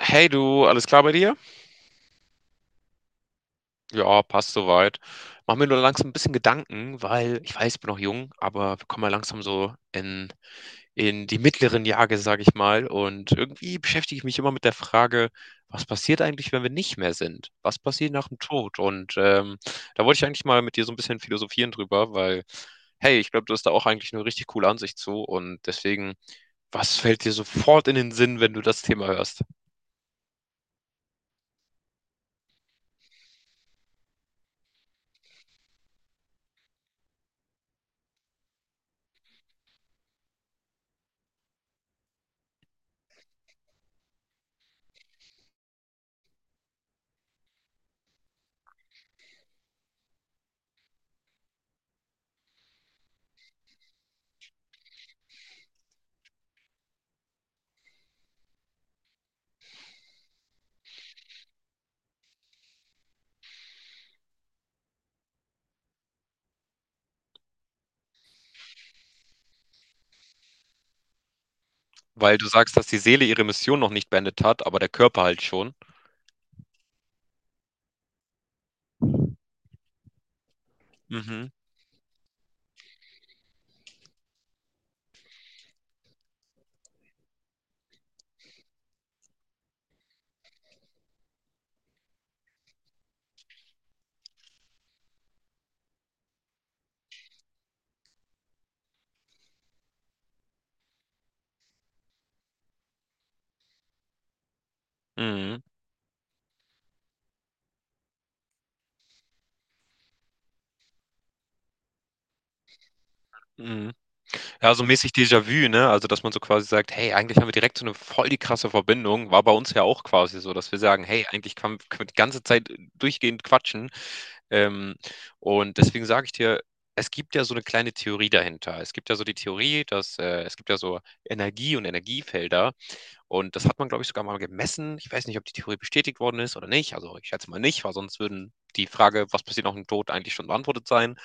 Hey du, alles klar bei dir? Ja, passt soweit. Mach mir nur langsam ein bisschen Gedanken, weil ich weiß, ich bin noch jung, aber wir kommen ja langsam so in die mittleren Jahre, sage ich mal. Und irgendwie beschäftige ich mich immer mit der Frage, was passiert eigentlich, wenn wir nicht mehr sind? Was passiert nach dem Tod? Da wollte ich eigentlich mal mit dir so ein bisschen philosophieren drüber, weil, hey, ich glaube, du hast da auch eigentlich eine richtig coole Ansicht zu. Und deswegen, was fällt dir sofort in den Sinn, wenn du das Thema hörst? Weil du sagst, dass die Seele ihre Mission noch nicht beendet hat, aber der Körper halt schon. Mhm. Mhm. Mhm. Ja, so mäßig Déjà-vu, ne? Also, dass man so quasi sagt, hey, eigentlich haben wir direkt so eine voll die krasse Verbindung. War bei uns ja auch quasi so, dass wir sagen, hey, eigentlich können wir die ganze Zeit durchgehend quatschen. Ähm, und deswegen sage ich dir, es gibt ja so eine kleine Theorie dahinter. Es gibt ja so die Theorie, dass es gibt ja so Energie und Energiefelder. Und das hat man, glaube ich, sogar mal gemessen. Ich weiß nicht, ob die Theorie bestätigt worden ist oder nicht. Also ich schätze mal nicht, weil sonst würden die Frage, was passiert nach dem Tod, eigentlich schon beantwortet sein.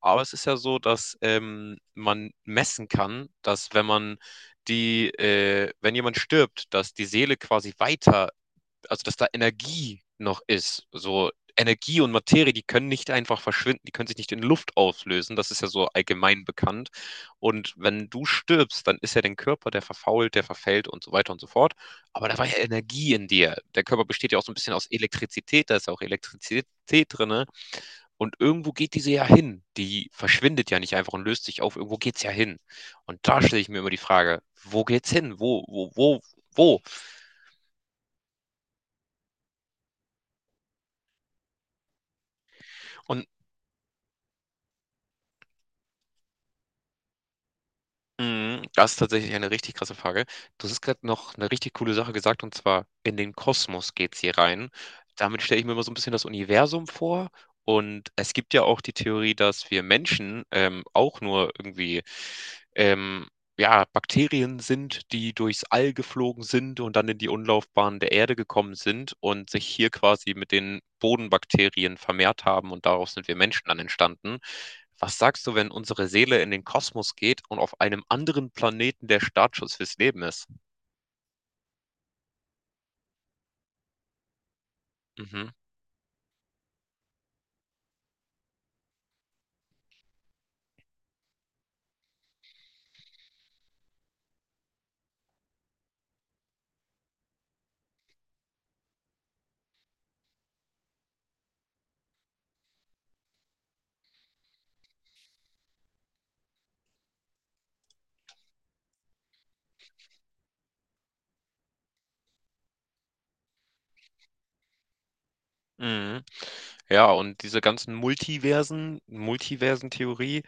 Aber es ist ja so, dass man messen kann, dass wenn man wenn jemand stirbt, dass die Seele quasi weiter, also dass da Energie noch ist. So, Energie und Materie, die können nicht einfach verschwinden, die können sich nicht in Luft auflösen. Das ist ja so allgemein bekannt. Und wenn du stirbst, dann ist ja dein Körper, der verfault, der verfällt und so weiter und so fort. Aber da war ja Energie in dir. Der Körper besteht ja auch so ein bisschen aus Elektrizität, da ist ja auch Elektrizität drin, ne? Und irgendwo geht diese ja hin. Die verschwindet ja nicht einfach und löst sich auf. Irgendwo geht's ja hin. Und da stelle ich mir immer die Frage, wo geht's hin? Wo? Und mhm, das ist tatsächlich eine richtig krasse Frage. Du hast gerade noch eine richtig coole Sache gesagt, und zwar in den Kosmos geht's hier rein. Damit stelle ich mir immer so ein bisschen das Universum vor. Und es gibt ja auch die Theorie, dass wir Menschen auch nur irgendwie ähm, ja, Bakterien sind, die durchs All geflogen sind und dann in die Umlaufbahn der Erde gekommen sind und sich hier quasi mit den Bodenbakterien vermehrt haben und daraus sind wir Menschen dann entstanden. Was sagst du, wenn unsere Seele in den Kosmos geht und auf einem anderen Planeten der Startschuss fürs Leben ist? Mhm. Mhm. Ja, und diese ganzen Multiversen, Multiversentheorie,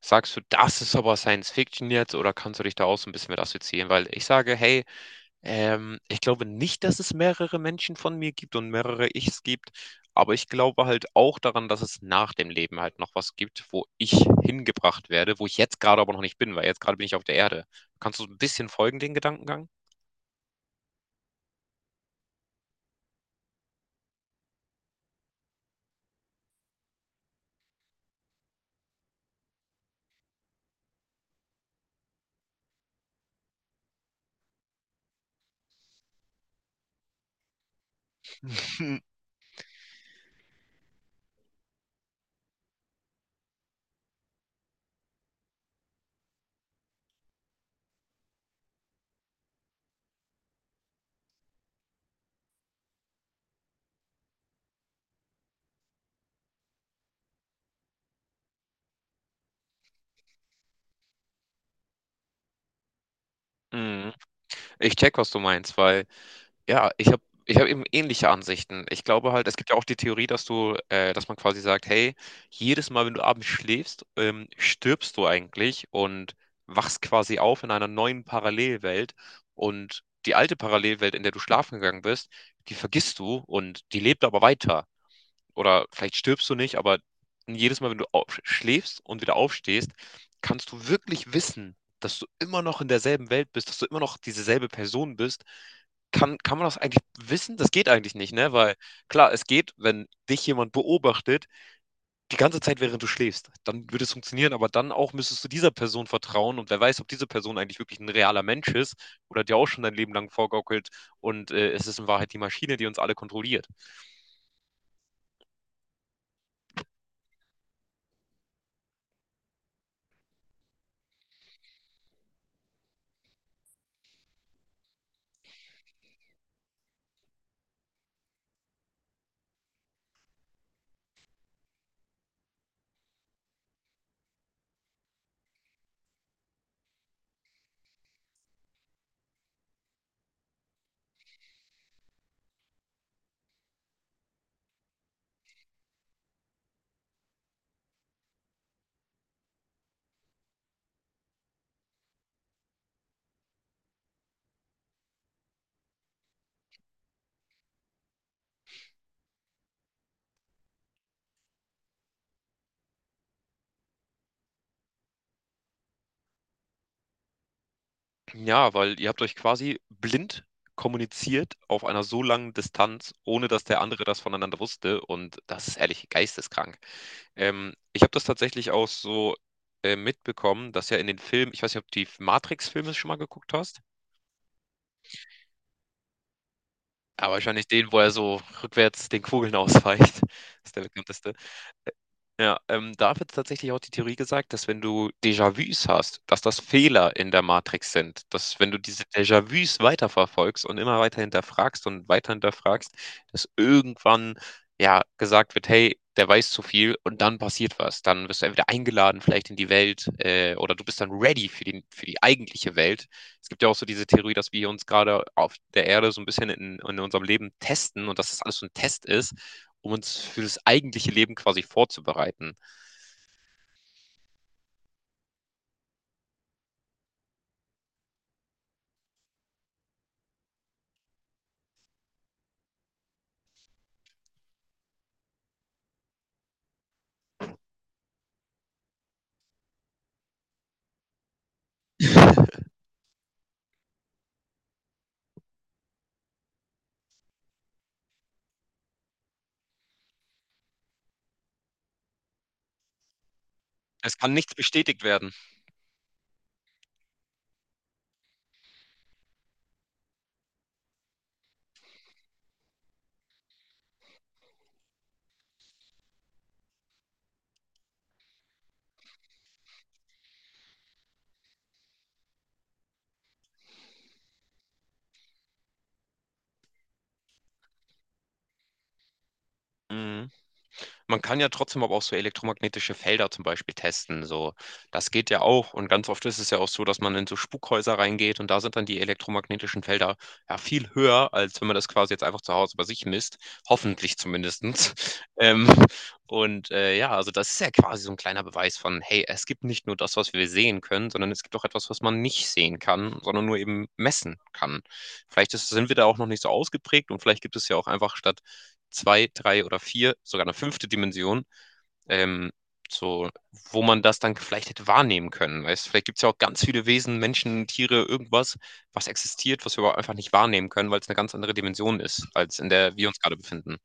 sagst du, das ist aber Science Fiction jetzt oder kannst du dich da auch so ein bisschen mit assoziieren? Weil ich sage, hey, ich glaube nicht, dass es mehrere Menschen von mir gibt und mehrere Ichs gibt, aber ich glaube halt auch daran, dass es nach dem Leben halt noch was gibt, wo ich hingebracht werde, wo ich jetzt gerade aber noch nicht bin, weil jetzt gerade bin ich auf der Erde. Kannst du so ein bisschen folgen, den Gedankengang? Hm. Mhm. Ich check, was du meinst, weil ja, ich hab eben ähnliche Ansichten. Ich glaube halt, es gibt ja auch die Theorie, dass man quasi sagt, hey, jedes Mal, wenn du abends schläfst, stirbst du eigentlich und wachst quasi auf in einer neuen Parallelwelt und die alte Parallelwelt, in der du schlafen gegangen bist, die vergisst du und die lebt aber weiter, oder vielleicht stirbst du nicht, aber jedes Mal, wenn du schläfst und wieder aufstehst, kannst du wirklich wissen, dass du immer noch in derselben Welt bist, dass du immer noch dieselbe Person bist. Kann man das eigentlich wissen? Das geht eigentlich nicht, ne? Weil klar, es geht, wenn dich jemand beobachtet, die ganze Zeit, während du schläfst, dann würde es funktionieren, aber dann auch müsstest du dieser Person vertrauen und wer weiß, ob diese Person eigentlich wirklich ein realer Mensch ist oder dir auch schon dein Leben lang vorgaukelt und es ist in Wahrheit die Maschine, die uns alle kontrolliert. Ja, weil ihr habt euch quasi blind kommuniziert auf einer so langen Distanz, ohne dass der andere das voneinander wusste. Und das ist ehrlich geisteskrank. Ich habe das tatsächlich auch so mitbekommen, dass ja in den Filmen, ich weiß nicht, ob du die Matrix-Filme schon mal geguckt hast, aber wahrscheinlich den, wo er so rückwärts den Kugeln ausweicht. Das ist der bekannteste. Ja, da wird tatsächlich auch die Theorie gesagt, dass wenn du Déjà-vus hast, dass das Fehler in der Matrix sind. Dass wenn du diese Déjà-vus weiterverfolgst und immer weiter hinterfragst und weiter hinterfragst, dass irgendwann ja gesagt wird, hey, der weiß zu viel und dann passiert was. Dann wirst du entweder eingeladen vielleicht in die Welt, oder du bist dann ready für für die eigentliche Welt. Es gibt ja auch so diese Theorie, dass wir uns gerade auf der Erde so ein bisschen in unserem Leben testen und dass das alles so ein Test ist, um uns für das eigentliche Leben quasi vorzubereiten. Es kann nichts bestätigt werden. Mhm. Man kann ja trotzdem aber auch so elektromagnetische Felder zum Beispiel testen. So, das geht ja auch. Und ganz oft ist es ja auch so, dass man in so Spukhäuser reingeht und da sind dann die elektromagnetischen Felder ja viel höher, als wenn man das quasi jetzt einfach zu Hause bei sich misst. Hoffentlich zumindestens. Ähm, und ja, also das ist ja quasi so ein kleiner Beweis von, hey, es gibt nicht nur das, was wir sehen können, sondern es gibt auch etwas, was man nicht sehen kann, sondern nur eben messen kann. Sind wir da auch noch nicht so ausgeprägt und vielleicht gibt es ja auch einfach statt zwei, drei oder vier, sogar eine fünfte Dimension, ähm, so, wo man das dann vielleicht hätte wahrnehmen können. Weißt? Vielleicht gibt es ja auch ganz viele Wesen, Menschen, Tiere, irgendwas, was existiert, was wir aber einfach nicht wahrnehmen können, weil es eine ganz andere Dimension ist, als in der wir uns gerade befinden.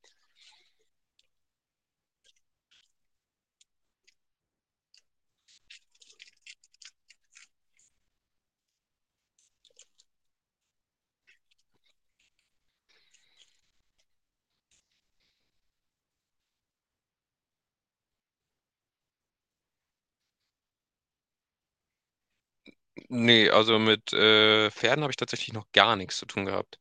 Nee, also mit Pferden habe ich tatsächlich noch gar nichts zu tun gehabt.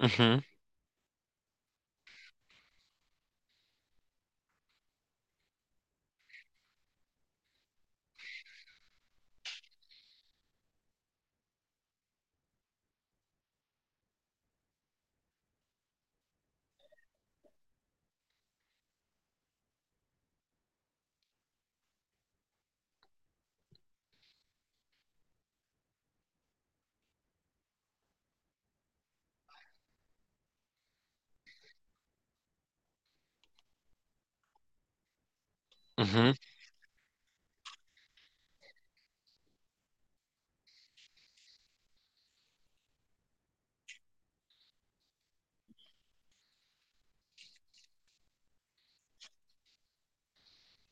Mhm, mhm.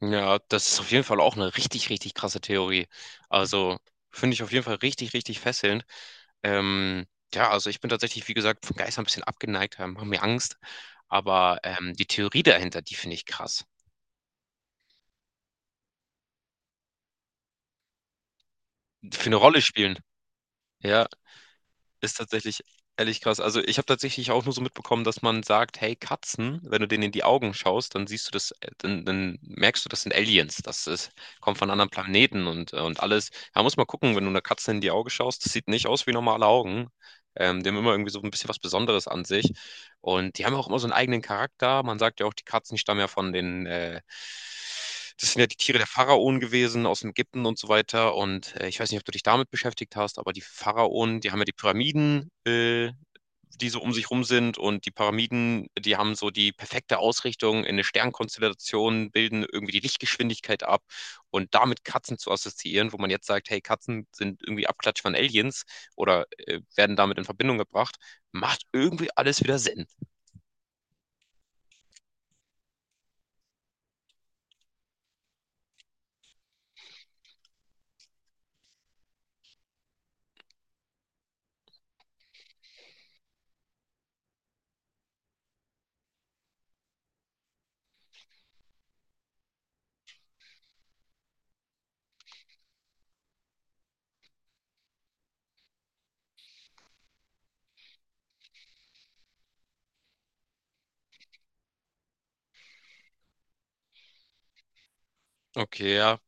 Ja, das ist auf jeden Fall auch eine richtig, richtig krasse Theorie. Also finde ich auf jeden Fall richtig, richtig fesselnd. Ähm, ja, also ich bin tatsächlich, wie gesagt, von Geistern ein bisschen abgeneigt, haben mir Angst. Aber die Theorie dahinter, die finde ich krass. Für eine Rolle spielen. Ja, ist tatsächlich ehrlich krass. Also ich habe tatsächlich auch nur so mitbekommen, dass man sagt, hey Katzen, wenn du denen in die Augen schaust, dann siehst du das, dann merkst du, das sind Aliens. Das ist, kommt von anderen Planeten und alles. Da muss man gucken, wenn du einer Katze in die Augen schaust, das sieht nicht aus wie normale Augen. Die haben immer irgendwie so ein bisschen was Besonderes an sich. Und die haben ja auch immer so einen eigenen Charakter. Man sagt ja auch, die Katzen stammen ja von das sind ja die Tiere der Pharaonen gewesen aus Ägypten und so weiter. Und ich weiß nicht, ob du dich damit beschäftigt hast, aber die Pharaonen, die haben ja die Pyramiden, äh, die so um sich rum sind. Und die Pyramiden, die haben so die perfekte Ausrichtung in eine Sternkonstellation, bilden irgendwie die Lichtgeschwindigkeit ab. Und damit Katzen zu assoziieren, wo man jetzt sagt, hey, Katzen sind irgendwie Abklatsch von Aliens oder werden damit in Verbindung gebracht, macht irgendwie alles wieder Sinn. Okay, ja.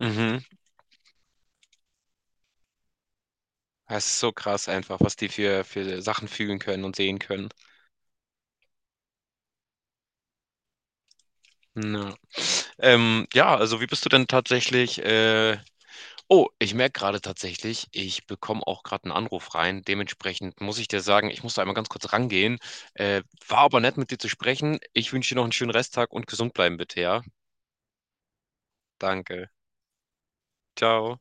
Mhm. Es ist so krass einfach, was die für Sachen fühlen können und sehen können. Ja. Ja, also wie bist du denn tatsächlich? Oh, ich merke gerade tatsächlich, ich bekomme auch gerade einen Anruf rein. Dementsprechend muss ich dir sagen, ich muss da einmal ganz kurz rangehen. Äh, war aber nett, mit dir zu sprechen. Ich wünsche dir noch einen schönen Resttag und gesund bleiben bitte, ja? Danke. Ciao.